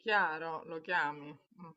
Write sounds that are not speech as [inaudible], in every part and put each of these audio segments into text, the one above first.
Chiaro, lo chiami. Mh.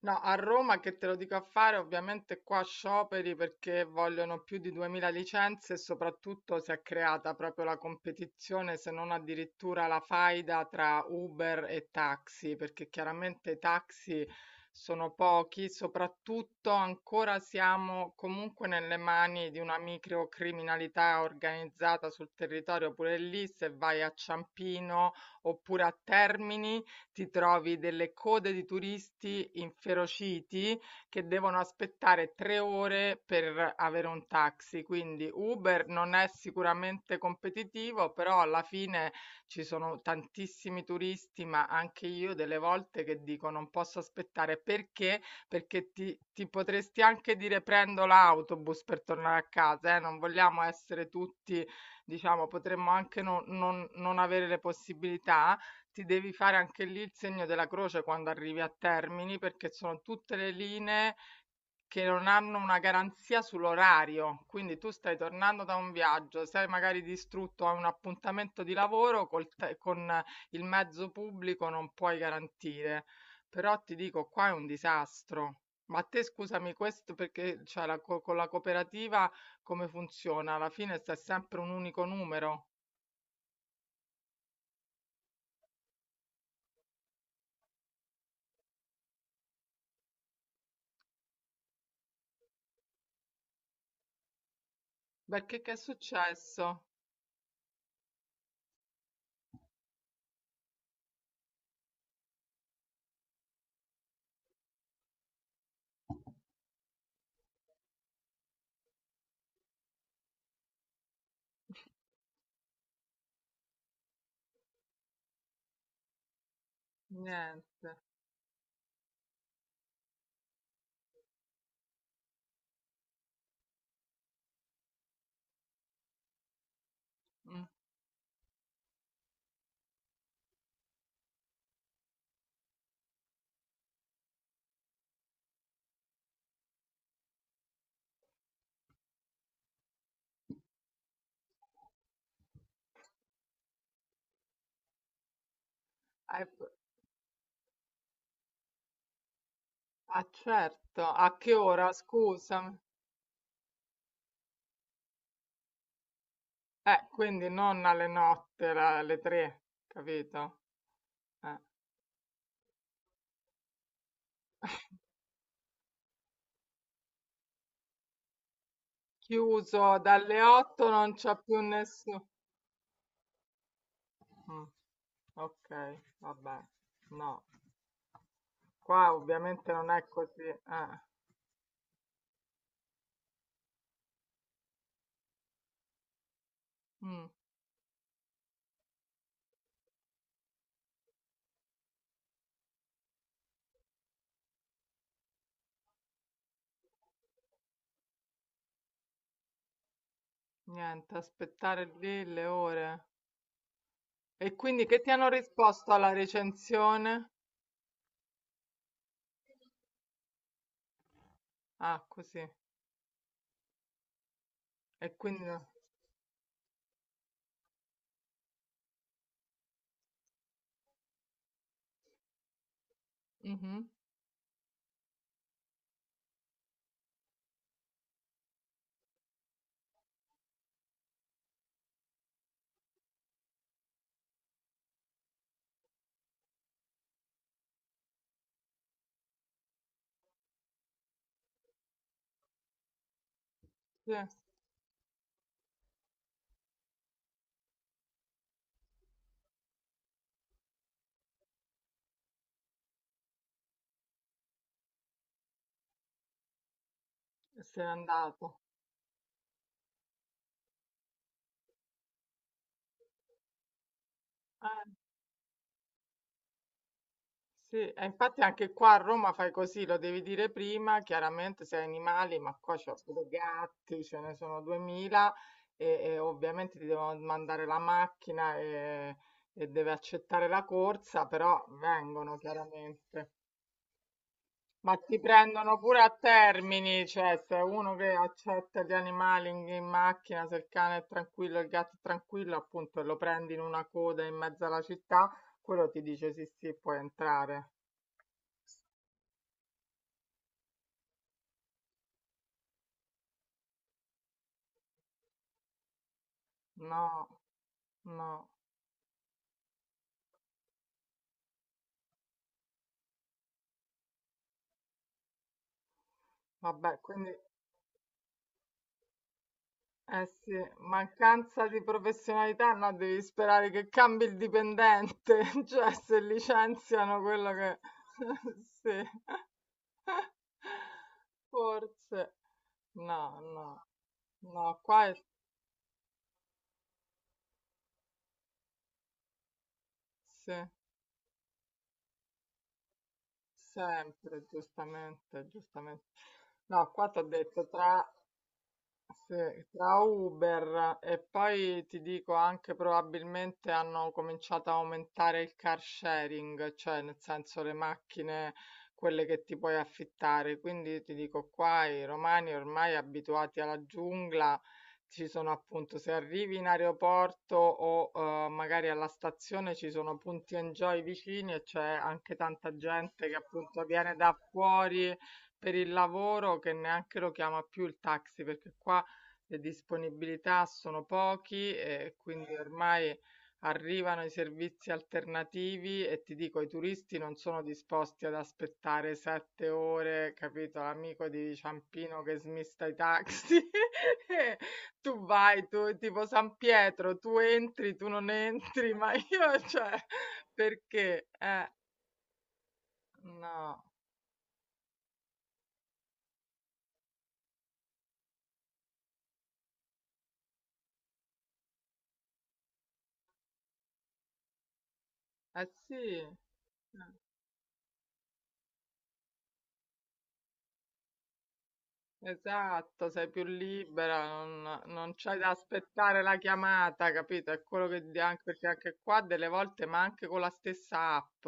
No, a Roma che te lo dico a fare, ovviamente qua scioperi perché vogliono più di 2000 licenze e soprattutto si è creata proprio la competizione, se non addirittura la faida tra Uber e taxi, perché chiaramente i taxi sono pochi, soprattutto ancora siamo comunque nelle mani di una microcriminalità organizzata sul territorio, pure lì se vai a Ciampino oppure a Termini ti trovi delle code di turisti inferociti che devono aspettare 3 ore per avere un taxi. Quindi Uber non è sicuramente competitivo, però alla fine ci sono tantissimi turisti, ma anche io delle volte che dico non posso aspettare perché? Perché ti potresti anche dire prendo l'autobus per tornare a casa, eh? Non vogliamo essere tutti, diciamo, potremmo anche non avere le possibilità, ti devi fare anche lì il segno della croce quando arrivi a Termini, perché sono tutte le linee che non hanno una garanzia sull'orario. Quindi tu stai tornando da un viaggio, sei magari distrutto a un appuntamento di lavoro, con il mezzo pubblico non puoi garantire. Però ti dico, qua è un disastro. Ma te scusami questo perché cioè, con la cooperativa come funziona? Alla fine sta sempre un unico numero. Perché che è successo? Niente. Mm. P- Ah, certo, a che ora, scusa? Quindi non alle notte, alle tre, capito? Eh. [laughs] Chiuso dalle 8 non c'è più nessuno. Mm, ok, vabbè. No, qua ovviamente non è così, eh. Mm, niente, aspettare lì le ore. E quindi che ti hanno risposto alla recensione? Ah, così. E quindi... Mhm, sì, se n'è andato. Eh, sì, e infatti anche qua a Roma fai così, lo devi dire prima, chiaramente se hai animali, ma qua c'ho pure gatti, ce ne sono 2000 e ovviamente ti devono mandare la macchina, e deve accettare la corsa, però vengono chiaramente. Ma ti prendono pure a Termini, cioè se è uno che accetta gli animali in macchina, se il cane è tranquillo, il gatto è tranquillo, appunto, e lo prendi in una coda in mezzo alla città, quello ti dice sì, sì, puoi entrare. No, no, vabbè, quindi eh sì, mancanza di professionalità, no, devi sperare che cambi il dipendente, [laughs] cioè se licenziano quello che... [laughs] Sì, [laughs] forse. No, no, no, qua è... Sì, sempre, giustamente, giustamente. No, qua ti ho detto tra... Sì, tra Uber e poi ti dico anche probabilmente hanno cominciato a aumentare il car sharing, cioè nel senso le macchine, quelle che ti puoi affittare. Quindi ti dico qua i romani ormai abituati alla giungla, ci sono appunto se arrivi in aeroporto o magari alla stazione ci sono punti enjoy vicini e c'è anche tanta gente che appunto viene da fuori per il lavoro che neanche lo chiama più il taxi perché qua le disponibilità sono pochi e quindi ormai arrivano i servizi alternativi e ti dico, i turisti non sono disposti ad aspettare 7 ore, capito? L'amico di Ciampino che smista i taxi. [laughs] E tu vai, tu tipo San Pietro, tu entri, tu non entri, ma io, cioè, perché? No. Eh sì. Eh. Esatto, sei più libera, non c'hai da aspettare la chiamata, capito? È quello che di- anche perché anche qua delle volte, ma anche con la stessa app,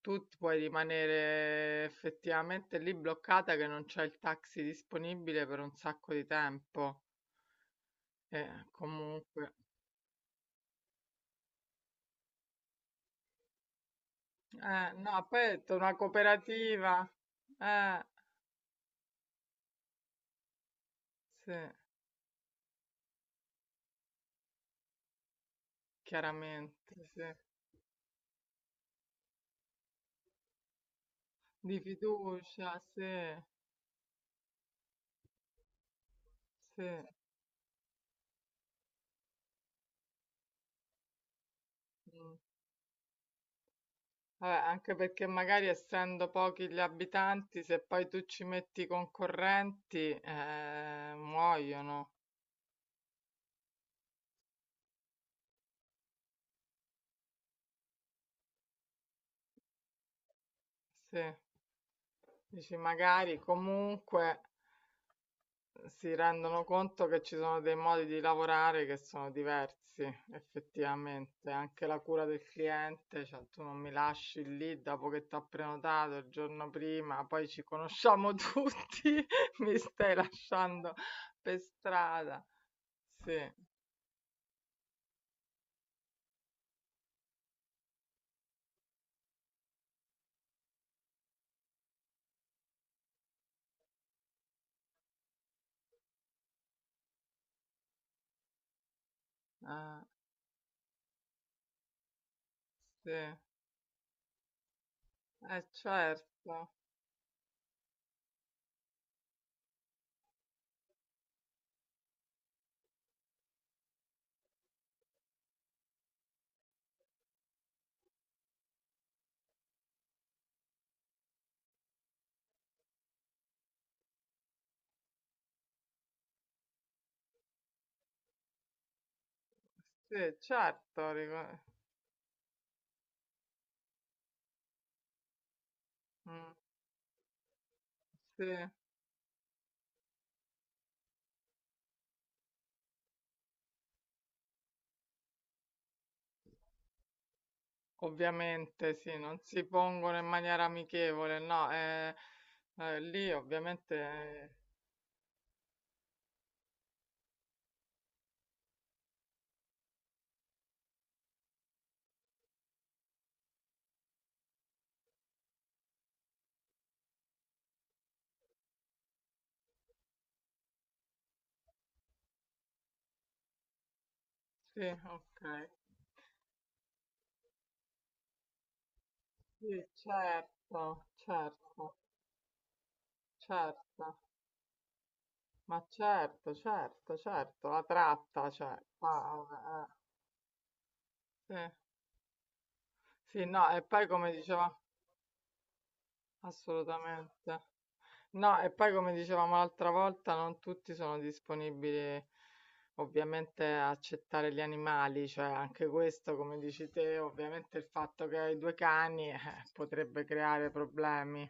tu ti puoi rimanere effettivamente lì bloccata che non c'è il taxi disponibile per un sacco di tempo. E comunque, no, poi è una cooperativa, eh, sì, chiaramente, sì, di fiducia, sì, sì. Mm. Vabbè, anche perché magari essendo pochi gli abitanti, se poi tu ci metti i concorrenti, muoiono. Sì, dici magari comunque si rendono conto che ci sono dei modi di lavorare che sono diversi, effettivamente. Anche la cura del cliente, cioè tu non mi lasci lì dopo che ti ho prenotato il giorno prima, poi ci conosciamo [laughs] tutti, mi stai lasciando per strada. Sì, eh. Sì, eh certo, sì, certo, rico- mm, sì, ovviamente sì, non si pongono in maniera amichevole, no, lì ovviamente sì, ok, sì, certo, certo, certo, ma certo, certo, certo, la tratta, cioè, ah, sì, sì, no, e poi come diceva, assolutamente. No, e poi come dicevamo l'altra volta, non tutti sono disponibili ovviamente a accettare gli animali, cioè anche questo, come dici te, ovviamente il fatto che hai 2 cani, potrebbe creare problemi.